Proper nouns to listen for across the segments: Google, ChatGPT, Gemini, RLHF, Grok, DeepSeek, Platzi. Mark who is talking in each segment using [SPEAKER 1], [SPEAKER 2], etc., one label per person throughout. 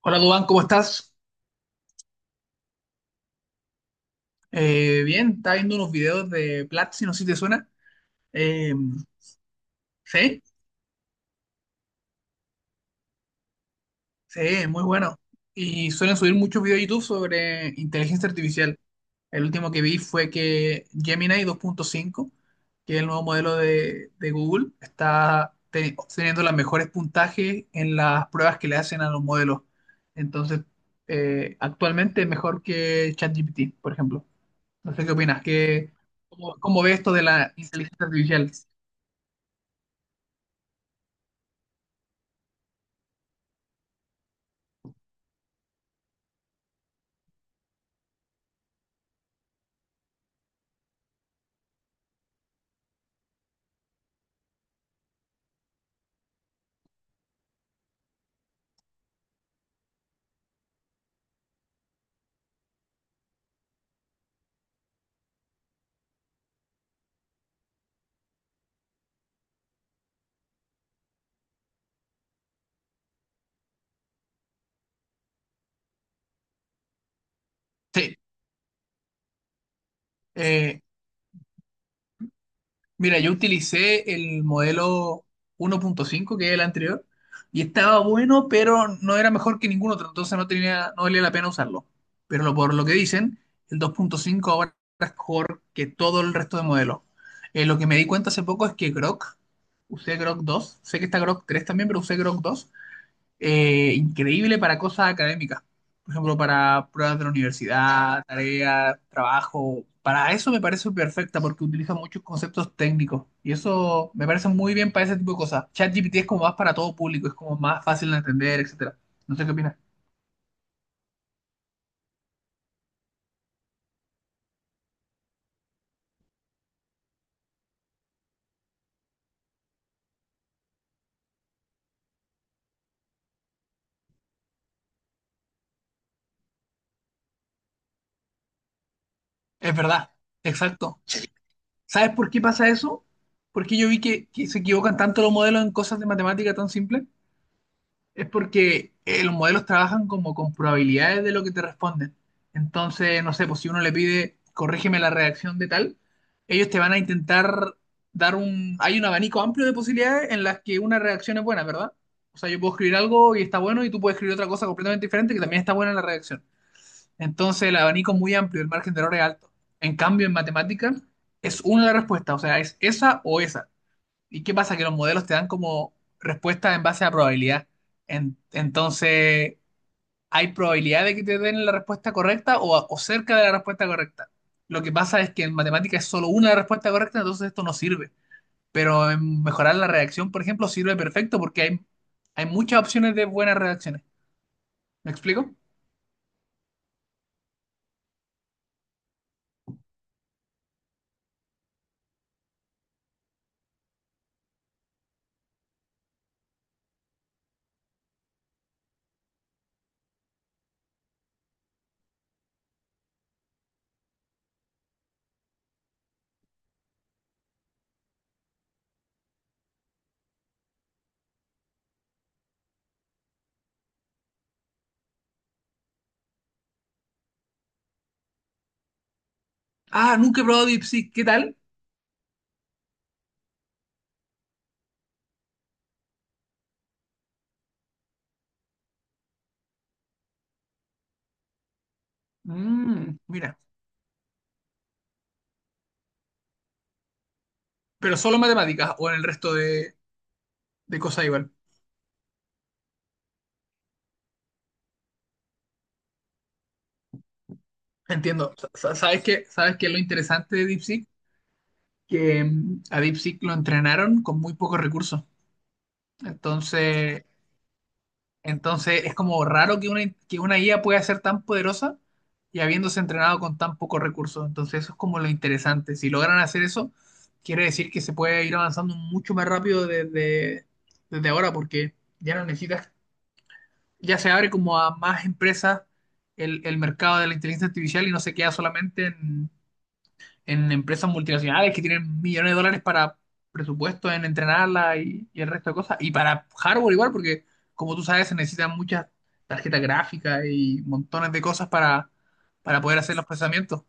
[SPEAKER 1] Hola Dubán, ¿cómo estás? Bien, estaba viendo unos videos de Platzi, no sé si te suena. Eh, sí, sí, muy bueno. Y suelen subir muchos videos de YouTube sobre inteligencia artificial. El último que vi fue que Gemini 2.5, que es el nuevo modelo de Google, está obteniendo los mejores puntajes en las pruebas que le hacen a los modelos. Entonces, actualmente es mejor que ChatGPT, por ejemplo. No sé qué opinas. ¿Cómo ves esto de la inteligencia artificial? Sí, eh, mira, yo utilicé el modelo 1.5, que es el anterior, y estaba bueno, pero no era mejor que ningún otro, entonces no tenía, no valía la pena usarlo. Pero por lo que dicen, el 2.5 ahora es mejor que todo el resto de modelos. Lo que me di cuenta hace poco es que Grok, usé Grok 2, sé que está Grok 3 también, pero usé Grok 2, increíble para cosas académicas. Por ejemplo, para pruebas de la universidad, tareas, trabajo. Para eso me parece perfecta porque utiliza muchos conceptos técnicos. Y eso me parece muy bien para ese tipo de cosas. ChatGPT es como más para todo público, es como más fácil de entender, etcétera. No sé qué opinas. Es verdad, exacto. ¿Sabes por qué pasa eso? Porque yo vi que se equivocan tanto los modelos en cosas de matemática tan simples. Es porque los modelos trabajan como con probabilidades de lo que te responden. Entonces, no sé, pues si uno le pide, corrígeme la redacción de tal, ellos te van a intentar Hay un abanico amplio de posibilidades en las que una redacción es buena, ¿verdad? O sea, yo puedo escribir algo y está bueno y tú puedes escribir otra cosa completamente diferente que también está buena en la redacción. Entonces, el abanico es muy amplio, el margen de error es alto. En cambio, en matemáticas es una la respuesta, o sea, es esa o esa. ¿Y qué pasa? Que los modelos te dan como respuestas en base a probabilidad. Entonces, hay probabilidad de que te den la respuesta correcta o, o cerca de la respuesta correcta. Lo que pasa es que en matemática es solo una respuesta correcta, entonces esto no sirve. Pero en mejorar la redacción, por ejemplo, sirve perfecto porque hay muchas opciones de buenas redacciones. ¿Me explico? Ah, nunca he probado DeepSeek. ¿Qué tal? Mm, mira, pero solo en matemáticas o en el resto de cosas igual. Entiendo. ¿Sabes qué? ¿Sabes qué es lo interesante de DeepSeek? Que a Deep lo entrenaron con muy pocos recursos. Entonces, entonces, es como raro que una IA pueda ser tan poderosa y habiéndose entrenado con tan pocos recursos. Entonces, eso es como lo interesante. Si logran hacer eso, quiere decir que se puede ir avanzando mucho más rápido desde, desde ahora, porque ya no necesitas, ya se abre como a más empresas el mercado de la inteligencia artificial y no se queda solamente en empresas multinacionales que tienen millones de dólares para presupuesto en entrenarla y el resto de cosas. Y para hardware igual, porque como tú sabes, se necesitan muchas tarjetas gráficas y montones de cosas para poder hacer los procesamientos.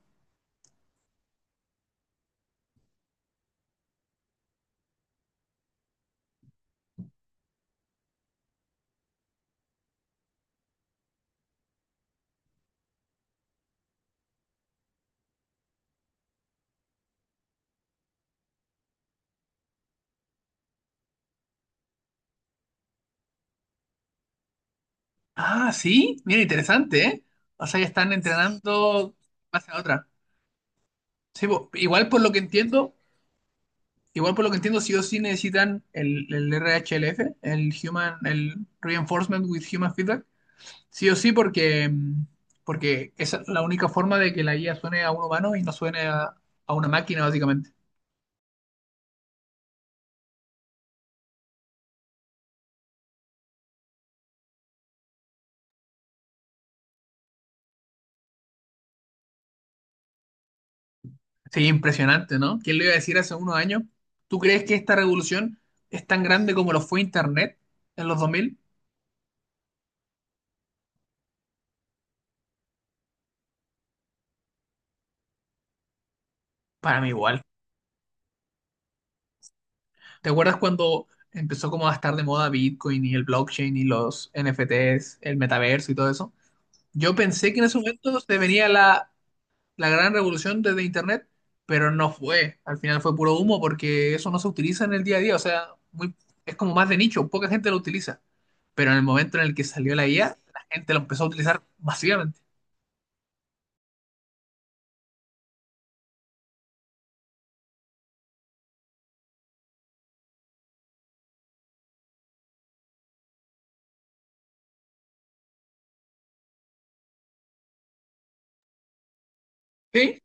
[SPEAKER 1] Ah, sí, mira, interesante, ¿eh? O sea, ya están entrenando base a otra. Sí, igual por lo que entiendo, sí o sí necesitan el RHLF, el Human, el Reinforcement with Human Feedback. Sí o sí, porque esa es la única forma de que la IA suene a un humano y no suene a una máquina, básicamente. Sí, impresionante, ¿no? ¿Quién le iba a decir hace unos años? ¿Tú crees que esta revolución es tan grande como lo fue Internet en los 2000? Para mí igual. ¿Te acuerdas cuando empezó como a estar de moda Bitcoin y el blockchain y los NFTs, el metaverso y todo eso? Yo pensé que en ese momento se venía la gran revolución desde Internet, pero no fue. Al final fue puro humo porque eso no se utiliza en el día a día. O sea, es como más de nicho, poca gente lo utiliza. Pero en el momento en el que salió la IA, la gente lo empezó a utilizar masivamente. Sí.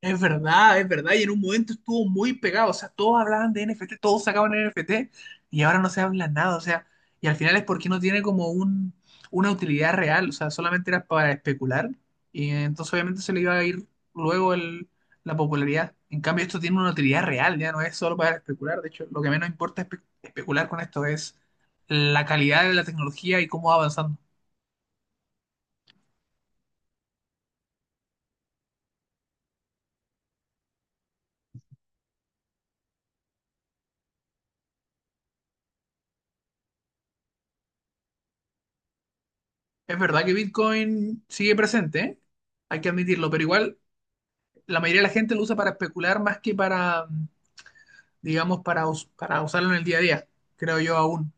[SPEAKER 1] Es verdad, es verdad. Y en un momento estuvo muy pegado. O sea, todos hablaban de NFT, todos sacaban NFT y ahora no se habla nada. O sea, y al final es porque no tiene como una utilidad real. O sea, solamente era para especular. Y entonces obviamente se le iba a ir luego la popularidad. En cambio, esto tiene una utilidad real, ya no es solo para especular. De hecho, lo que menos importa especular con esto es la calidad de la tecnología y cómo va avanzando. Es verdad que Bitcoin sigue presente, ¿eh? Hay que admitirlo, pero igual la mayoría de la gente lo usa para especular más que para, digamos, para usarlo en el día a día, creo yo aún.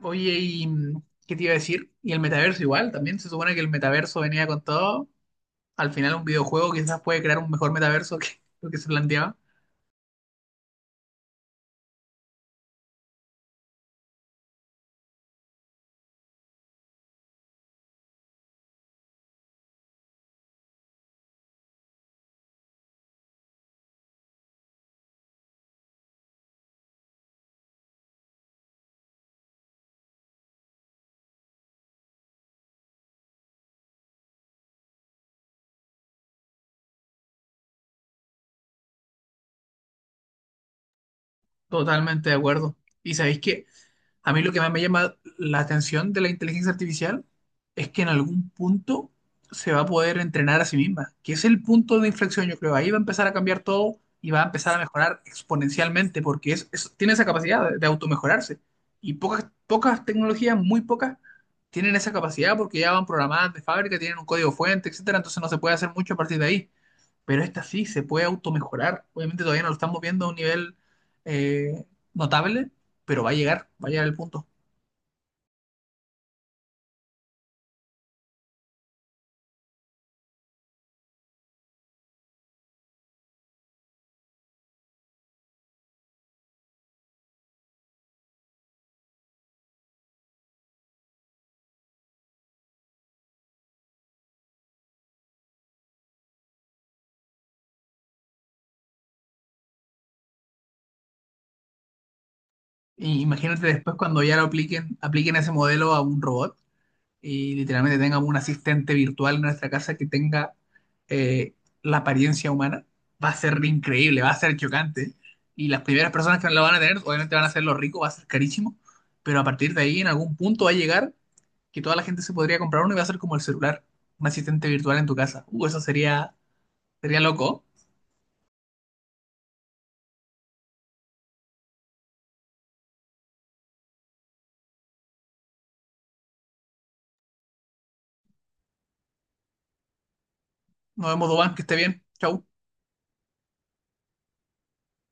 [SPEAKER 1] Oye, ¿y qué te iba a decir? Y el metaverso igual, también se supone que el metaverso venía con todo. Al final un videojuego quizás puede crear un mejor metaverso que lo que se planteaba. Totalmente de acuerdo. Y sabéis que a mí lo que más me llama la atención de la inteligencia artificial es que en algún punto se va a poder entrenar a sí misma, que es el punto de inflexión, yo creo. Ahí va a empezar a cambiar todo y va a empezar a mejorar exponencialmente porque tiene esa capacidad de automejorarse. Y pocas, pocas tecnologías, muy pocas, tienen esa capacidad porque ya van programadas de fábrica, tienen un código fuente, etcétera. Entonces no se puede hacer mucho a partir de ahí, pero esta sí se puede automejorar. Obviamente todavía no lo estamos viendo a un nivel eh, notable, pero va a llegar el punto. Y imagínate después cuando ya lo apliquen ese modelo a un robot y literalmente tengamos un asistente virtual en nuestra casa que tenga eh, la apariencia humana. Va a ser increíble, va a ser chocante. Y las primeras personas que lo van a tener, obviamente van a ser los ricos, va a ser carísimo, pero a partir de ahí en algún punto va a llegar que toda la gente se podría comprar uno y va a ser como el celular, un asistente virtual en tu casa. Eso sería, sería loco. Nos vemos, Doban, que esté bien. Chau.